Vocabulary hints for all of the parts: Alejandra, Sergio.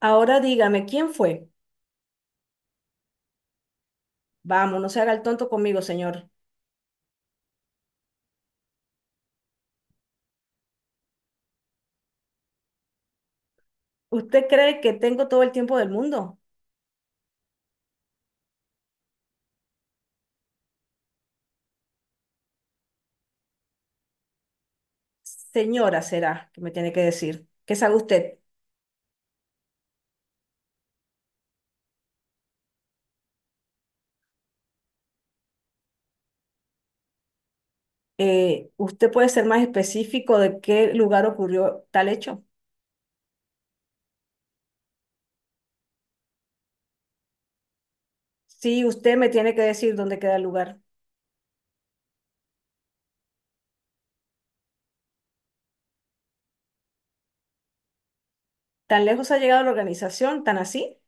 Ahora dígame, ¿quién fue? Vamos, no se haga el tonto conmigo, señor. ¿Usted cree que tengo todo el tiempo del mundo? Señora, será que me tiene que decir. ¿Qué sabe usted? ¿Usted puede ser más específico de qué lugar ocurrió tal hecho? Sí, usted me tiene que decir dónde queda el lugar. ¿Tan lejos ha llegado la organización, tan así?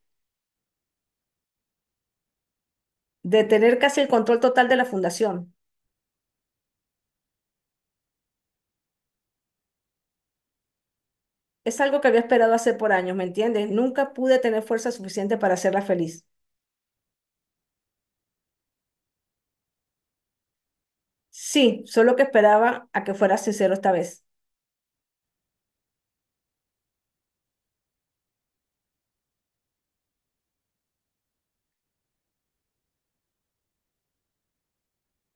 De tener casi el control total de la fundación. Es algo que había esperado hacer por años, ¿me entiende? Nunca pude tener fuerza suficiente para hacerla feliz. Sí, solo que esperaba a que fuera sincero esta vez.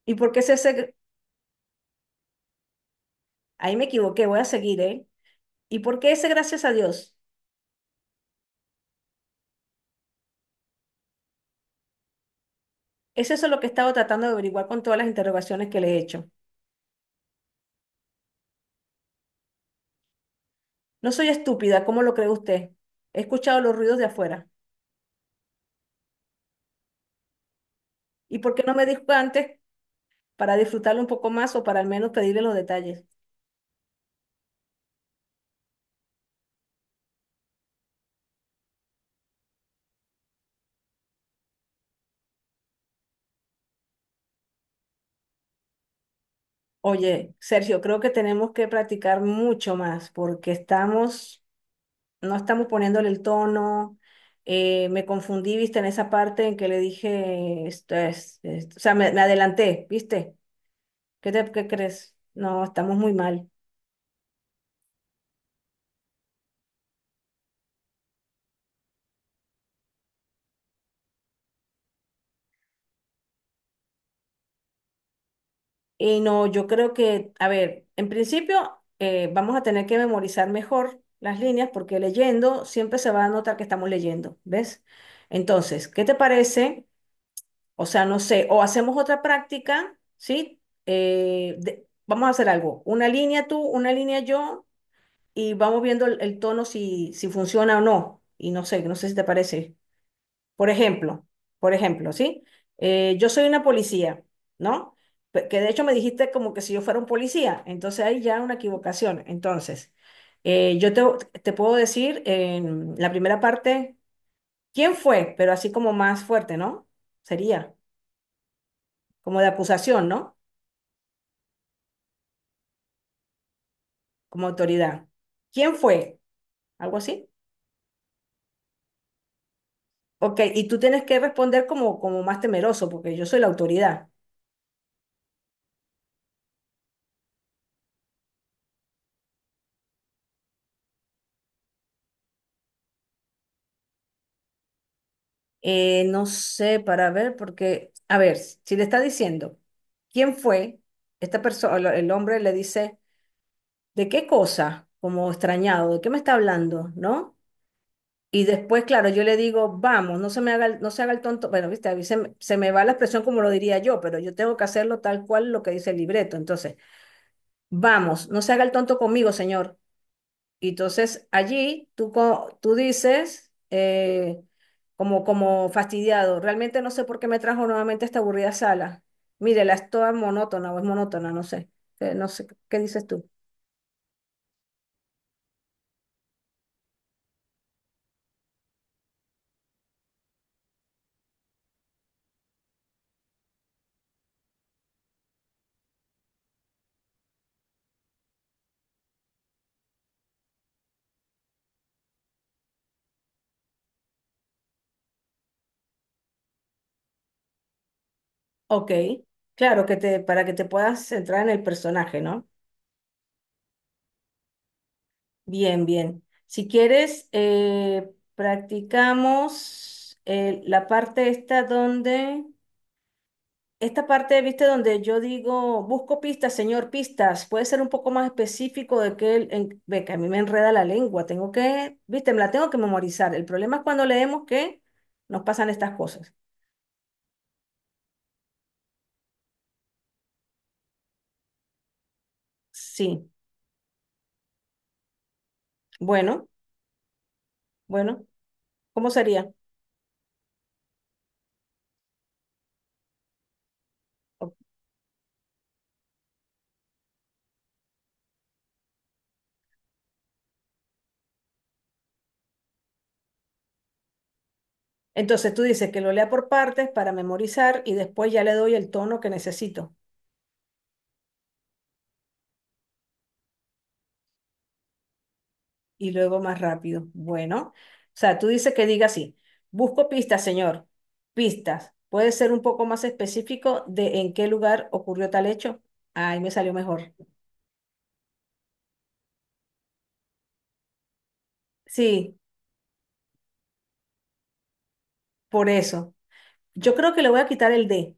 ¿Y por qué es ese? Ahí me equivoqué, voy a seguir, ¿eh? ¿Y por qué ese gracias a Dios? Es eso lo que he estado tratando de averiguar con todas las interrogaciones que le he hecho. No soy estúpida, ¿cómo lo cree usted? He escuchado los ruidos de afuera. ¿Y por qué no me dijo antes para disfrutarlo un poco más o para al menos pedirle los detalles? Oye, Sergio, creo que tenemos que practicar mucho más porque estamos, no estamos poniéndole el tono. Me confundí, viste, en esa parte en que le dije, esto es, o sea, me adelanté, viste. ¿Qué te, qué crees? No, estamos muy mal. Y no, yo creo que, a ver, en principio vamos a tener que memorizar mejor las líneas porque leyendo siempre se va a notar que estamos leyendo, ¿ves? Entonces, ¿qué te parece? O sea, no sé, o hacemos otra práctica, ¿sí? Vamos a hacer algo, una línea tú, una línea yo, y vamos viendo el tono si, si funciona o no. Y no sé, no sé si te parece. Por ejemplo, por ejemplo, ¿sí? Yo soy una policía, ¿no? Que de hecho me dijiste como que si yo fuera un policía, entonces hay ya una equivocación. Entonces, yo te, te puedo decir en la primera parte, ¿quién fue? Pero así como más fuerte, ¿no? Sería como de acusación, ¿no? Como autoridad. ¿Quién fue? Algo así. Ok, y tú tienes que responder como, como más temeroso, porque yo soy la autoridad. No sé, para ver, porque, a ver, si le está diciendo quién fue esta persona, el hombre le dice, ¿de qué cosa? Como extrañado, ¿de qué me está hablando? ¿No? Y después, claro, yo le digo, vamos, no se me haga el, no se haga el tonto. Bueno, viste, a mí se, se me va la expresión como lo diría yo, pero yo tengo que hacerlo tal cual lo que dice el libreto. Entonces, vamos, no se haga el tonto conmigo, señor. Y entonces allí tú, tú dices, como, como fastidiado, realmente no sé por qué me trajo nuevamente esta aburrida sala. Mírela, es toda monótona o es monótona, no sé. No sé, ¿qué dices tú? Ok, claro, que te, para que te puedas centrar en el personaje, ¿no? Bien, bien. Si quieres, practicamos la parte esta donde... Esta parte, viste, donde yo digo, busco pistas, señor, pistas, puede ser un poco más específico de que, ve que a mí me enreda la lengua, tengo que, viste, me la tengo que memorizar. El problema es cuando leemos que nos pasan estas cosas. Sí, bueno, bueno, ¿cómo sería? O- Entonces tú dices que lo lea por partes para memorizar y después ya le doy el tono que necesito. Y luego más rápido. Bueno, o sea, tú dices que diga así, busco pistas, señor, pistas. ¿Puede ser un poco más específico de en qué lugar ocurrió tal hecho? Ahí me salió mejor. Sí, por eso. Yo creo que le voy a quitar el D.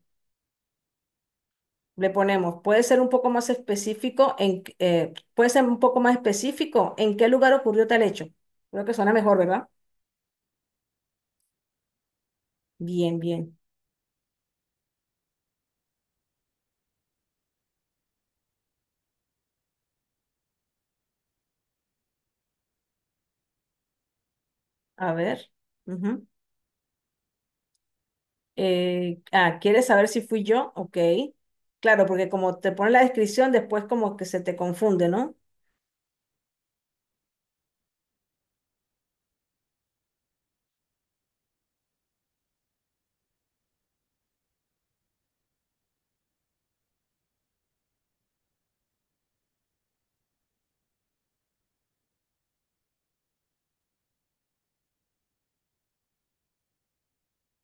Le ponemos, puede ser un poco más específico en, puede ser un poco más específico en qué lugar ocurrió tal hecho. Creo que suena mejor, ¿verdad? Bien, bien. A ver. Ujú. ¿Quieres saber si fui yo? Ok. Claro, porque como te pone la descripción, después como que se te confunde, ¿no?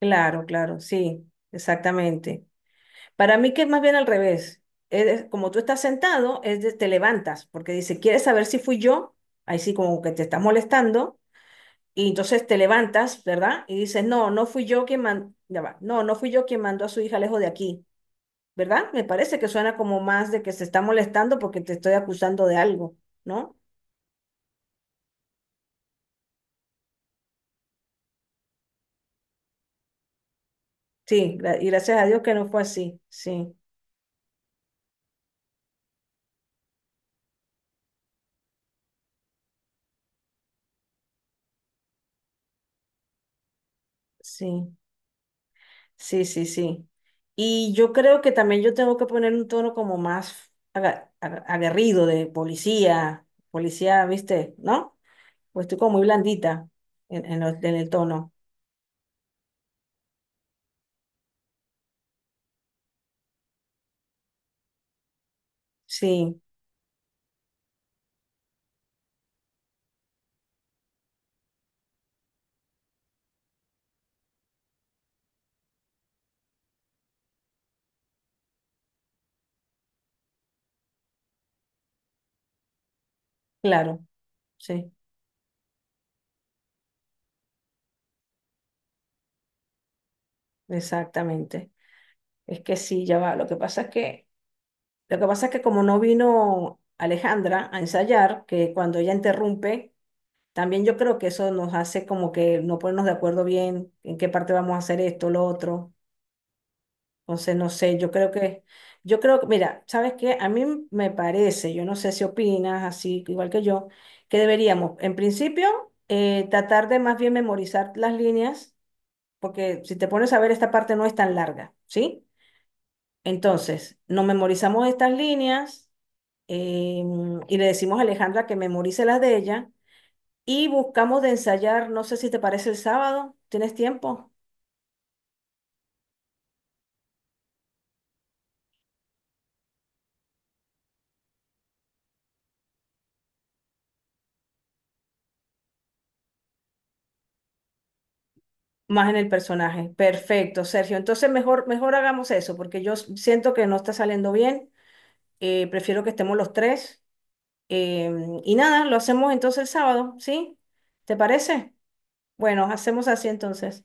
Claro, claro, sí, exactamente. Para mí que es más bien al revés. Como tú estás sentado, te levantas, porque dice, ¿quieres saber si fui yo? Ahí sí como que te está molestando, y entonces te levantas, ¿verdad? Y dices, no, no fui yo quien mandó, ya va, no, no fui yo quien mandó a su hija lejos de aquí, ¿verdad? Me parece que suena como más de que se está molestando porque te estoy acusando de algo, ¿no? Sí, y gracias a Dios que no fue así. Sí, sí, sí, sí, sí. Y yo creo que también yo tengo que poner un tono como más aguerrido de policía, policía, ¿viste? ¿No? Pues estoy como muy blandita en, en el tono. Sí, claro, sí, exactamente. Es que sí, ya va. Lo que pasa es que, lo que pasa es que como no vino Alejandra a ensayar, que cuando ella interrumpe. También yo creo que eso nos hace como que no ponernos de acuerdo bien en qué parte vamos a hacer esto, lo otro. Entonces, no sé, yo creo que, mira, ¿sabes qué? A mí me parece, yo no sé si opinas así, igual que yo, que deberíamos, en principio, tratar de más bien memorizar las líneas, porque si te pones a ver, esta parte no es tan larga, ¿sí? Entonces, nos memorizamos estas líneas y le decimos a Alejandra que memorice las de ella. Y buscamos de ensayar, no sé si te parece el sábado, ¿tienes tiempo? Más en el personaje. Perfecto, Sergio. Entonces mejor, mejor hagamos eso, porque yo siento que no está saliendo bien. Prefiero que estemos los tres. Y nada, lo hacemos entonces el sábado, ¿sí? ¿Te parece? Bueno, hacemos así entonces.